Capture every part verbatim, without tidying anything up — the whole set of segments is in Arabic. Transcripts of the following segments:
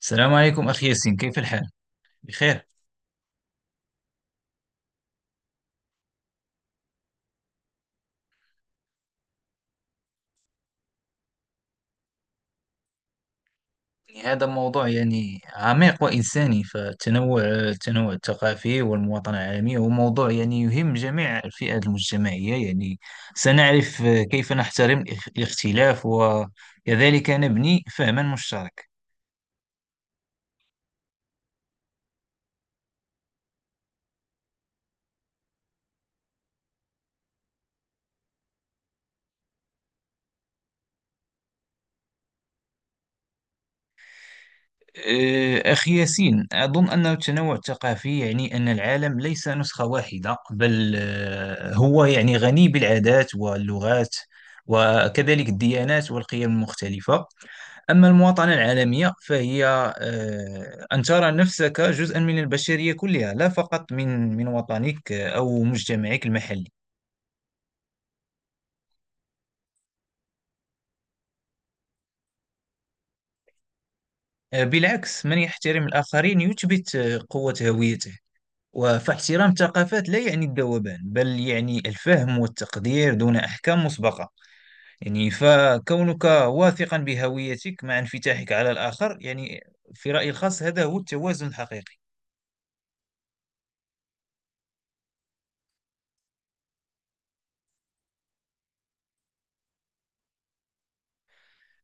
السلام عليكم أخي ياسين، كيف الحال؟ بخير. يعني هذا موضوع يعني عميق وإنساني، فالتنوع التنوع الثقافي والمواطنة العالمية هو موضوع يعني يهم جميع الفئات المجتمعية، يعني سنعرف كيف نحترم الاخ- الاختلاف، وكذلك نبني فهما مشترك. أه، أخي ياسين، أظن أن التنوع الثقافي يعني أن العالم ليس نسخة واحدة، بل آه، هو يعني غني بالعادات واللغات، وكذلك الديانات والقيم المختلفة. أما المواطنة العالمية فهي آه، أن ترى نفسك جزءا من البشرية كلها، لا فقط من من وطنك أو مجتمعك المحلي. آه، بالعكس، من يحترم الآخرين يثبت آه، قوة هويته، وفاحترام الثقافات لا يعني الذوبان، بل يعني الفهم والتقدير دون أحكام مسبقة. يعني فكونك واثقا بهويتك مع انفتاحك على الآخر، يعني في رأيي الخاص هذا هو التوازن الحقيقي.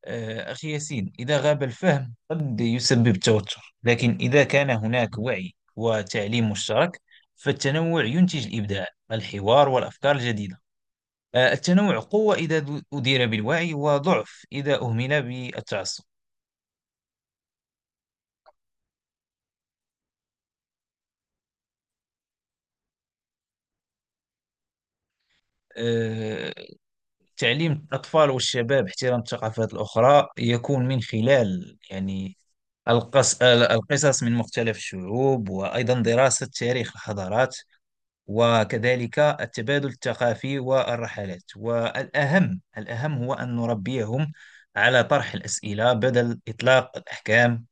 آه، أخي ياسين، إذا غاب الفهم قد يسبب توتر، لكن إذا كان هناك وعي وتعليم مشترك فالتنوع ينتج الإبداع، الحوار، والأفكار الجديدة. آه، التنوع قوة إذا دو- أدير بالوعي، وضعف إذا أهمل بالتعصب. آه، تعليم الأطفال والشباب احترام الثقافات الأخرى يكون من خلال يعني القص... آه، القصص من مختلف الشعوب، وأيضا دراسة تاريخ الحضارات، وكذلك التبادل الثقافي والرحلات. والأهم الأهم هو أن نربيهم على طرح الأسئلة بدل إطلاق الأحكام،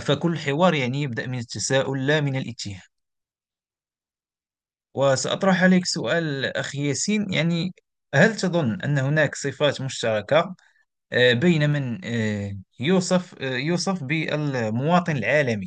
فكل حوار يعني يبدأ من التساؤل لا من الاتهام. وسأطرح عليك سؤال أخي ياسين، يعني هل تظن أن هناك صفات مشتركة آه، بين من آه، يوصف آه، يوصف بالمواطن العالمي؟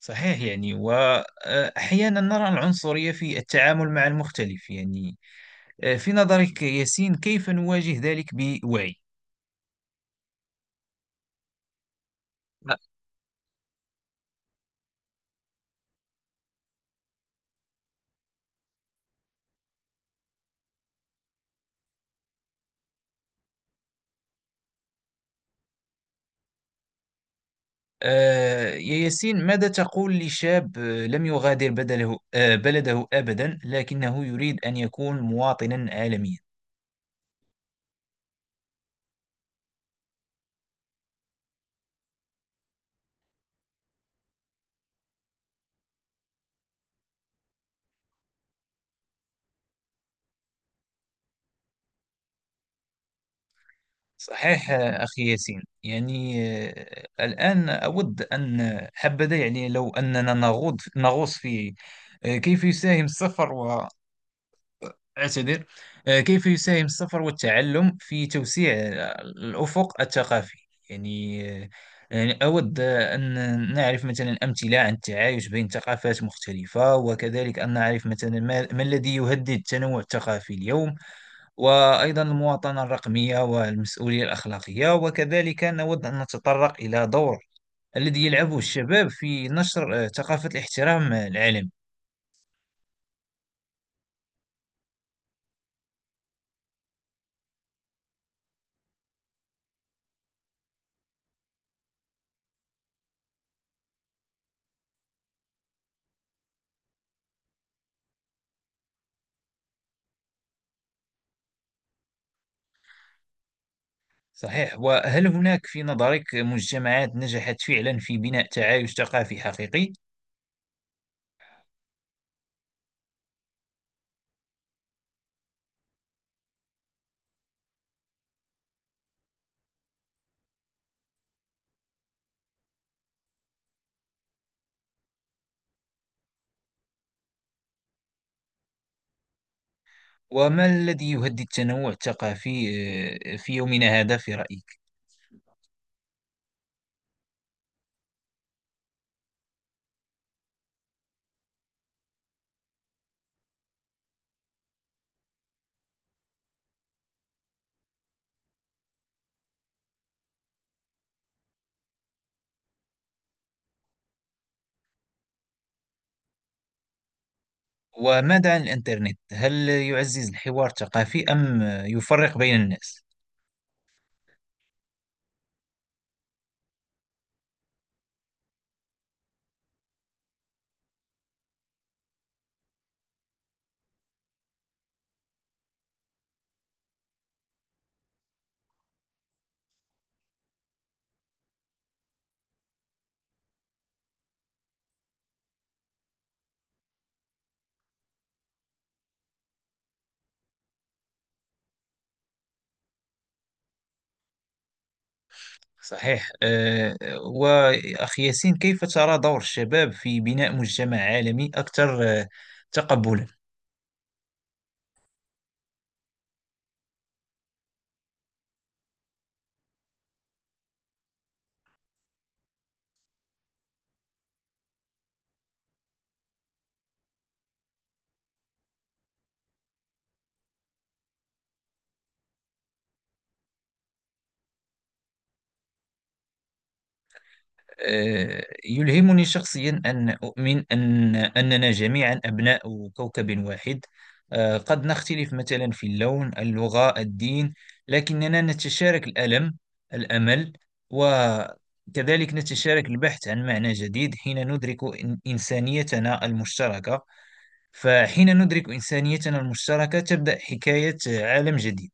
صحيح، يعني وأحيانا نرى العنصرية في التعامل مع المختلف، يعني آه، في نظرك يا ياسين، كيف نواجه ذلك بوعي؟ آه، يا ياسين، ماذا تقول لشاب آه، لم يغادر بدله آه، بلده أبدا، لكنه يريد أن يكون مواطنا عالميا؟ صحيح آه، أخي ياسين، يعني آه، الآن أود أن، حبذا يعني لو أننا نغوض نغوص في آه، كيف يساهم السفر أعتذر آه، كيف يساهم السفر والتعلم في توسيع آه، الأفق الثقافي. يعني آه، يعني أود آه، أن نعرف مثلا أمثلة عن التعايش بين ثقافات مختلفة، وكذلك أن نعرف مثلا ما ما الذي يهدد التنوع الثقافي اليوم، وأيضا المواطنة الرقمية والمسؤولية الأخلاقية. وكذلك نود أن نتطرق إلى دور الذي يلعبه الشباب في نشر آه، ثقافة الاحترام العالمي. صحيح، وهل هناك في نظرك مجتمعات نجحت فعلا في بناء تعايش ثقافي حقيقي؟ وما الذي يهدد التنوع الثقافي آه، في يومنا هذا في رأيك؟ وماذا عن الإنترنت، هل يعزز الحوار الثقافي أم يفرق بين الناس؟ صحيح آه، وأخي ياسين، كيف ترى دور الشباب في بناء مجتمع عالمي أكثر آه، تقبلا؟ يلهمني شخصيا أن أؤمن أن أننا جميعا أبناء كوكب واحد. آه، قد نختلف مثلا في اللون، اللغة، الدين، لكننا نتشارك الألم، الأمل، وكذلك نتشارك البحث عن معنى جديد حين ندرك إن- إنسانيتنا المشتركة. فحين ندرك إنسانيتنا المشتركة تبدأ حكاية عالم جديد.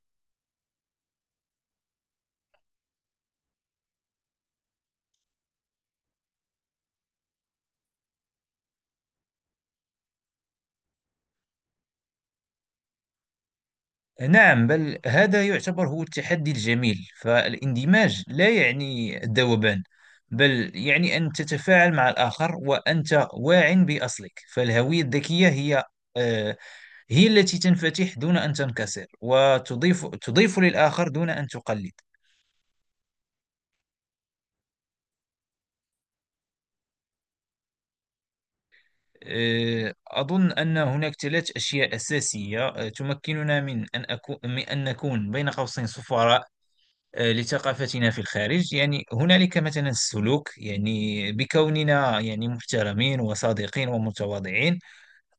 نعم، بل هذا يعتبر هو التحدي الجميل، فالاندماج لا يعني الذوبان، بل يعني أن تتفاعل مع الآخر وأنت واع بأصلك. فالهوية الذكية هي آه، هي التي تنفتح دون أن تنكسر، وتضيف تضيف للآخر دون أن تقلد. آه، أظن أن هناك ثلاث أشياء أساسية آه، تمكننا من أن أكون من أن نكون بين قوسين سفراء آه، لثقافتنا في الخارج. يعني هنالك مثلا السلوك، يعني بكوننا يعني محترمين وصادقين ومتواضعين.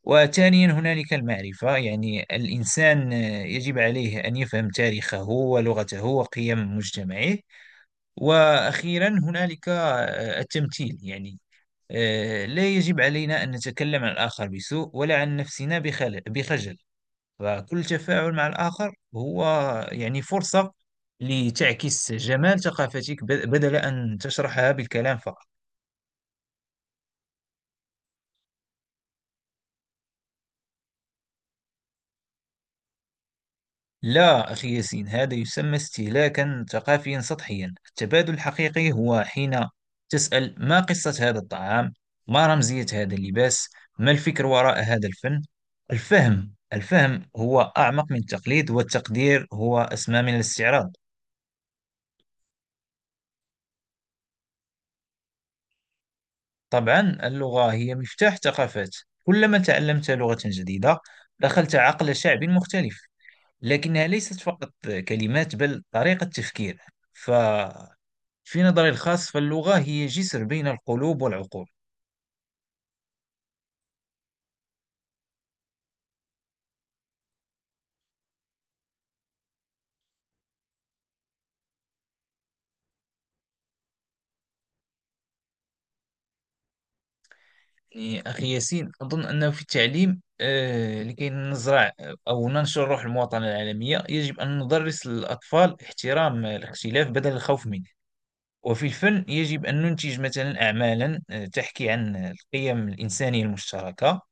وثانيا هنالك المعرفة، يعني الإنسان آه، يجب عليه أن يفهم تاريخه ولغته وقيم مجتمعه. وأخيرا هنالك آه، التمثيل، يعني آه، لا يجب علينا أن نتكلم عن الآخر بسوء، ولا عن نفسنا بخل- بخجل. فكل تفاعل مع الآخر هو يعني فرصة لتعكس جمال ثقافتك، ب- بدل أن تشرحها بالكلام فقط. لا أخي ياسين، هذا يسمى استهلاكا ثقافيا سطحيا. التبادل الحقيقي هو حين تسأل: ما قصة هذا الطعام؟ ما رمزية هذا اللباس؟ ما الفكر وراء هذا الفن؟ الفهم الفهم هو أعمق من التقليد، والتقدير هو أسمى من الاستعراض. طبعا، اللغة هي مفتاح ثقافات. كلما تعلمت لغة جديدة دخلت عقل شعب مختلف، لكنها ليست فقط كلمات، بل طريقة تفكير. ففي نظري الخاص، فاللغة هي جسر بين القلوب والعقول. يعني أخي ياسين، أظن أنه في التعليم آه، لكي نزرع أو ننشر روح المواطنة العالمية يجب أن ندرس الأطفال احترام الاختلاف بدل الخوف منه. وفي الفن، يجب أن ننتج مثلا أعمالا آه، تحكي عن القيم الإنسانية المشتركة.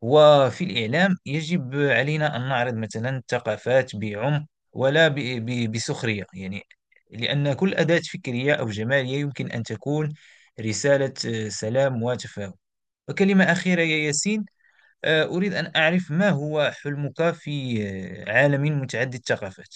وفي الإعلام، يجب علينا أن نعرض مثلا الثقافات بعمق، ولا ب- ب- بسخرية، يعني لأن كل أداة فكرية أو جمالية يمكن أن تكون رسالة آه، سلام وتفاهم. وكلمة أخيرة يا ياسين، آه، أريد أن أعرف ما هو حلمك في آه، عالم متعدد الثقافات.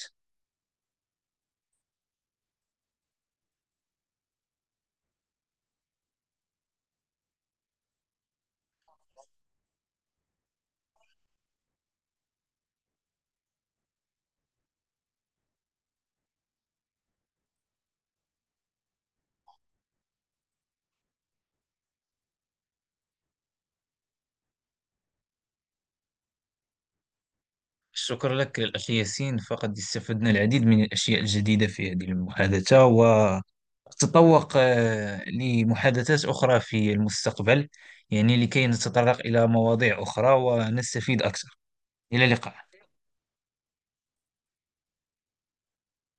شكرا لك الأخ ياسين، فقد استفدنا العديد من الأشياء الجديدة في هذه المحادثة، وتطوق آه، لمحادثات أخرى في المستقبل، يعني لكي نتطرق إلى مواضيع أخرى ونستفيد أكثر. إلى اللقاء.